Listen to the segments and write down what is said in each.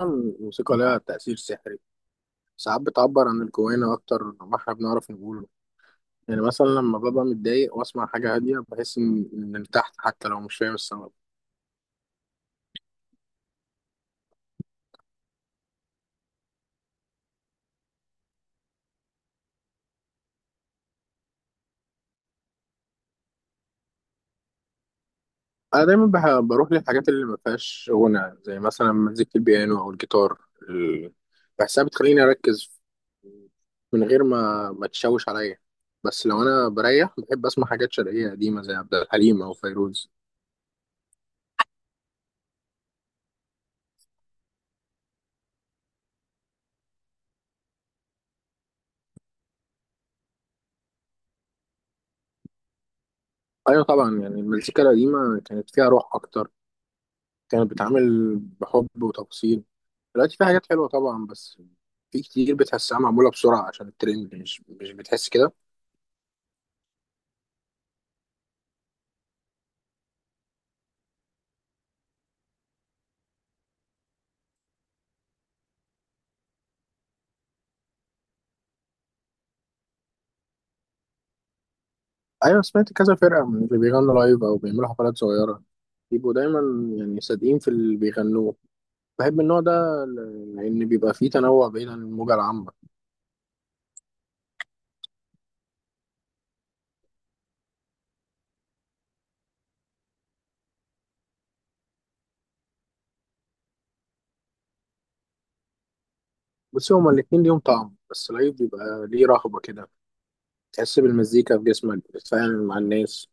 الموسيقى لها تأثير سحري. ساعات بتعبر عن الجوانا أكتر ما احنا بنعرف نقوله. يعني مثلا لما ببقى متضايق وأسمع حاجة هادية بحس إني ارتحت حتى لو مش فاهم السبب. أنا دايما بروح للحاجات اللي ما فيهاش غنى، زي مثلا مزيكة البيانو أو الجيتار. ال- بحسها بتخليني أركز من غير ما تشوش عليا. بس لو أنا بريح بحب أسمع حاجات شرقية قديمة زي عبد الحليم أو فيروز. أيوة طبعا، يعني المزيكا القديمة كانت فيها روح أكتر، كانت بتعامل بحب وتفاصيل. دلوقتي في حاجات حلوة طبعا، بس في كتير بتحسها معمولة بسرعة عشان الترند، مش بتحس كده؟ أيوة سمعت كذا فرقة من اللي بيغنوا لايف أو بيعملوا حفلات صغيرة. بيبقوا دايما يعني صادقين في اللي بيغنوه. بحب النوع ده لأن بيبقى فيه تنوع بعيد عن الموجة العامة. بس هما الاتنين ليهم طعم، بس لايف بيبقى ليه رهبة كده، تحس بالمزيكا في جسمك، بتتفاعل مع الناس.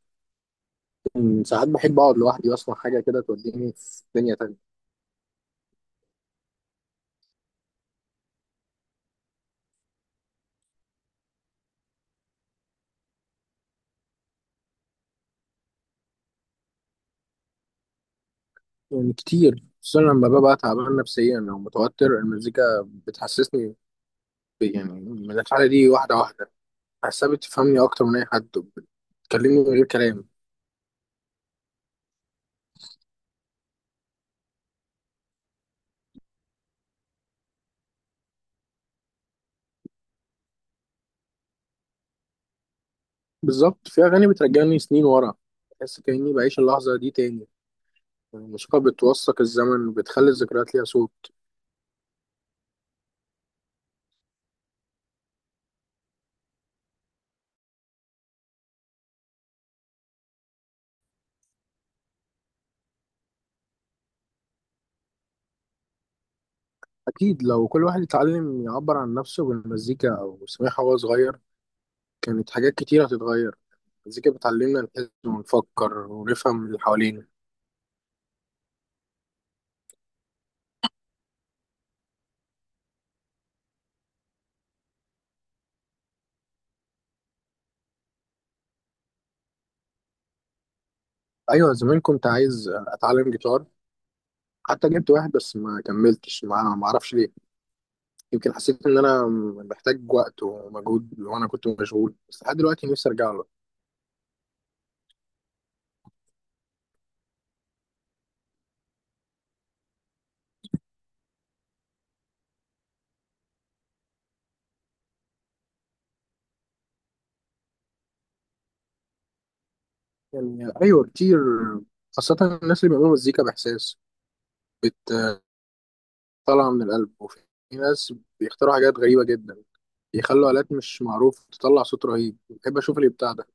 ساعات بحب أقعد لوحدي وأسمع حاجة كده توديني في دنيا تانية. يعني كتير، خصوصا لما ببقى تعبان نفسيا او متوتر، المزيكا بتحسسني يعني من الحاله دي واحده واحده. بحسها بتفهمني اكتر من اي حد، بتكلمني من غير كلام. بالظبط، في اغاني بترجعني سنين ورا، بحس كاني بعيش اللحظه دي تاني. الموسيقى بتوثق الزمن وبتخلي الذكريات ليها صوت. اكيد، لو كل واحد اتعلم يعبر عن نفسه بالمزيكا او سمعها وهو صغير، كانت حاجات كتير هتتغير. المزيكا بتعلمنا نحس ونفكر ونفهم اللي حوالينا. ايوه، زمان كنت عايز اتعلم جيتار، حتى جبت واحد بس ما كملتش معاه، ما اعرفش ليه. يمكن حسيت ان انا محتاج وقت ومجهود وانا كنت مشغول، بس لحد دلوقتي نفسي ارجع له. يعني ايوه كتير، خاصة الناس اللي بيعملوا مزيكا باحساس بتطلع من القلب. وفي ناس بيختاروا حاجات غريبة جدا، بيخلوا آلات مش معروف تطلع صوت رهيب. بحب اشوف اللي بتاع ده.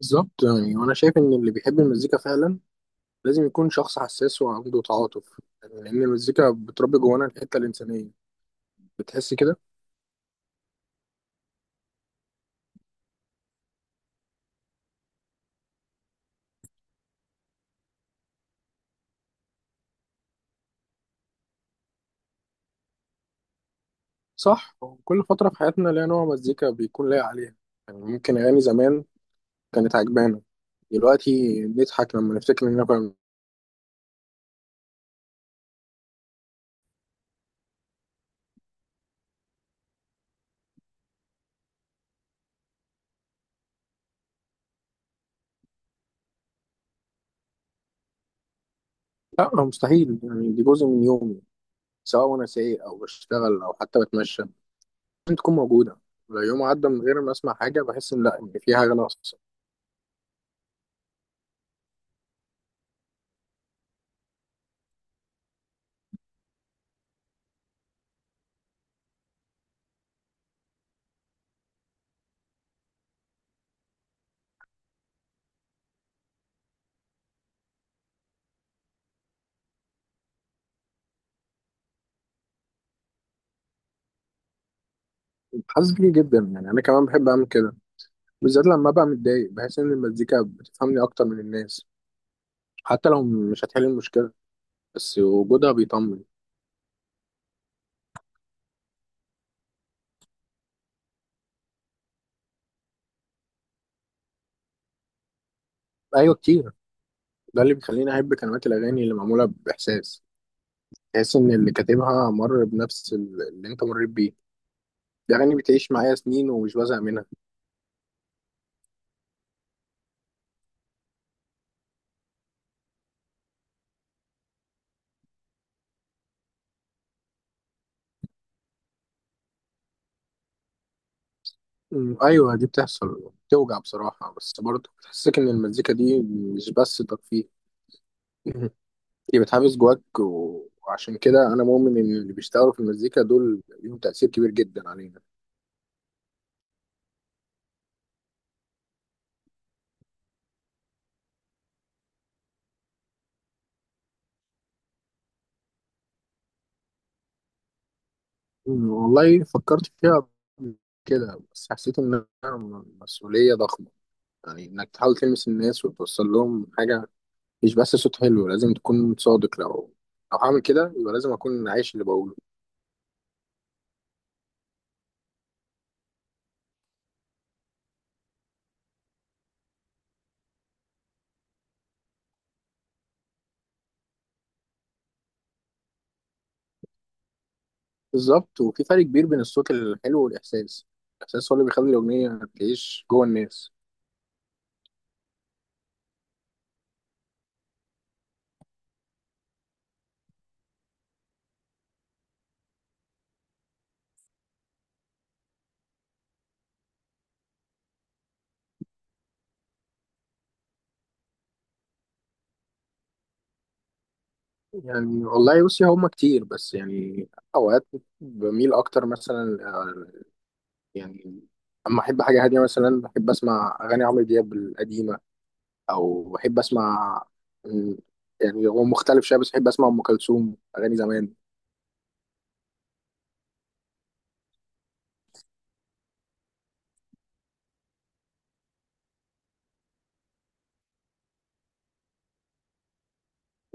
بالظبط، يعني وانا شايف ان اللي بيحب المزيكا فعلا لازم يكون شخص حساس وعنده تعاطف، يعني لان المزيكا بتربي جوانا الحتة الإنسانية، بتحس كده. صح، كل فترة في حياتنا ليها نوع مزيكا بيكون لايق عليها. يعني ممكن أغاني زمان كانت عجبانا، دلوقتي نضحك لما نفتكر إننا كنا. لا مستحيل، يعني دي جزء من يومي، سواء وأنا سايق أو بشتغل أو حتى بتمشى، لازم تكون موجودة. لو يوم عدى من غير ما أسمع حاجة بحس إن، لا، إن في حاجة ناقصة. حاسس بيه جدا، يعني أنا كمان بحب أعمل كده. بالذات لما أبقى متضايق بحس إن المزيكا بتفهمني أكتر من الناس، حتى لو مش هتحل المشكلة، بس وجودها بيطمن. أيوة كتير، ده اللي بيخليني احب كلمات الاغاني اللي معموله باحساس. تحس ان اللي كاتبها مر بنفس اللي انت مريت بيه. الاغاني بتعيش معايا سنين ومش بزهق منها. ايوه دي بتحصل، بتوجع بصراحه، بس برضه بتحسك ان المزيكا دي مش بس ترفيه. أمم، دي بتحبس جواك وعشان كده انا مؤمن ان اللي بيشتغلوا في المزيكا دول ليهم تاثير كبير جدا علينا. والله فكرت فيها قبل كده، بس حسيت انها مسؤوليه ضخمه. يعني انك تحاول تلمس الناس وتوصل لهم حاجه، مش بس صوت حلو، لازم تكون صادق. لو هعمل كده يبقى لازم اكون عايش اللي بقوله. بالظبط، وفي فرق كبير بين الصوت الحلو والاحساس. الاحساس هو اللي بيخلي الاغنيه تعيش جوه الناس. يعني والله بصي، هما كتير بس يعني اوقات بميل اكتر مثلا يعني اما احب حاجه هاديه مثلا بحب اسمع اغاني عمرو دياب القديمه، او بحب اسمع، م، يعني هو مختلف شويه، بس بحب اسمع ام كلثوم اغاني زمان.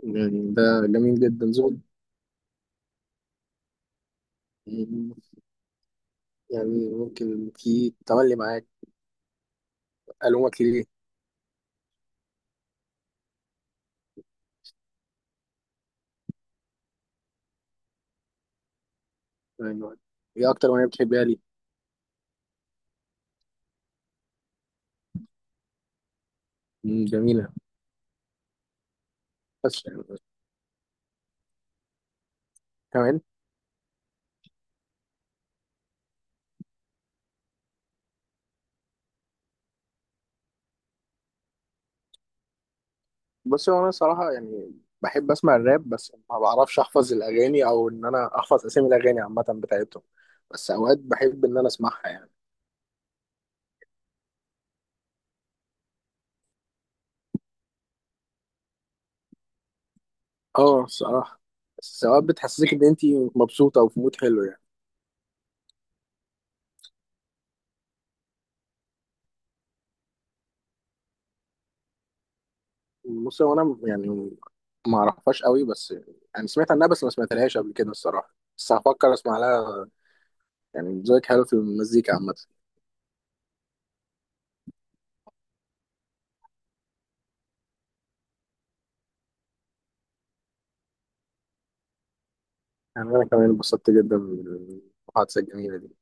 يعني ده جميل جدا، ذوق. يعني ممكن في تملي معاك. ألومك ليه. يعني هي أكتر أغنية بتحبها لي. مم، جميلة. بس يعني كمان. بص، هو أنا صراحة يعني بحب أسمع الراب، بس ما بعرفش أحفظ الأغاني، أو إن أنا أحفظ أسامي الأغاني عامة بتاعتهم. بس أوقات بحب إن أنا أسمعها يعني. أه الصراحة، بس أوقات بتحسسك إن أنت مبسوطة وفي مود حلو يعني. بص، هو أنا يعني ما أعرفهاش قوي، بس يعني سمعت عنها، بس ما سمعتلهاش قبل كده الصراحة، بس هفكر أسمع لها. يعني ذوقك حلو في المزيكا عامة. يعني أنا كمان انبسطت جدا بالمحادثة الجميلة دي.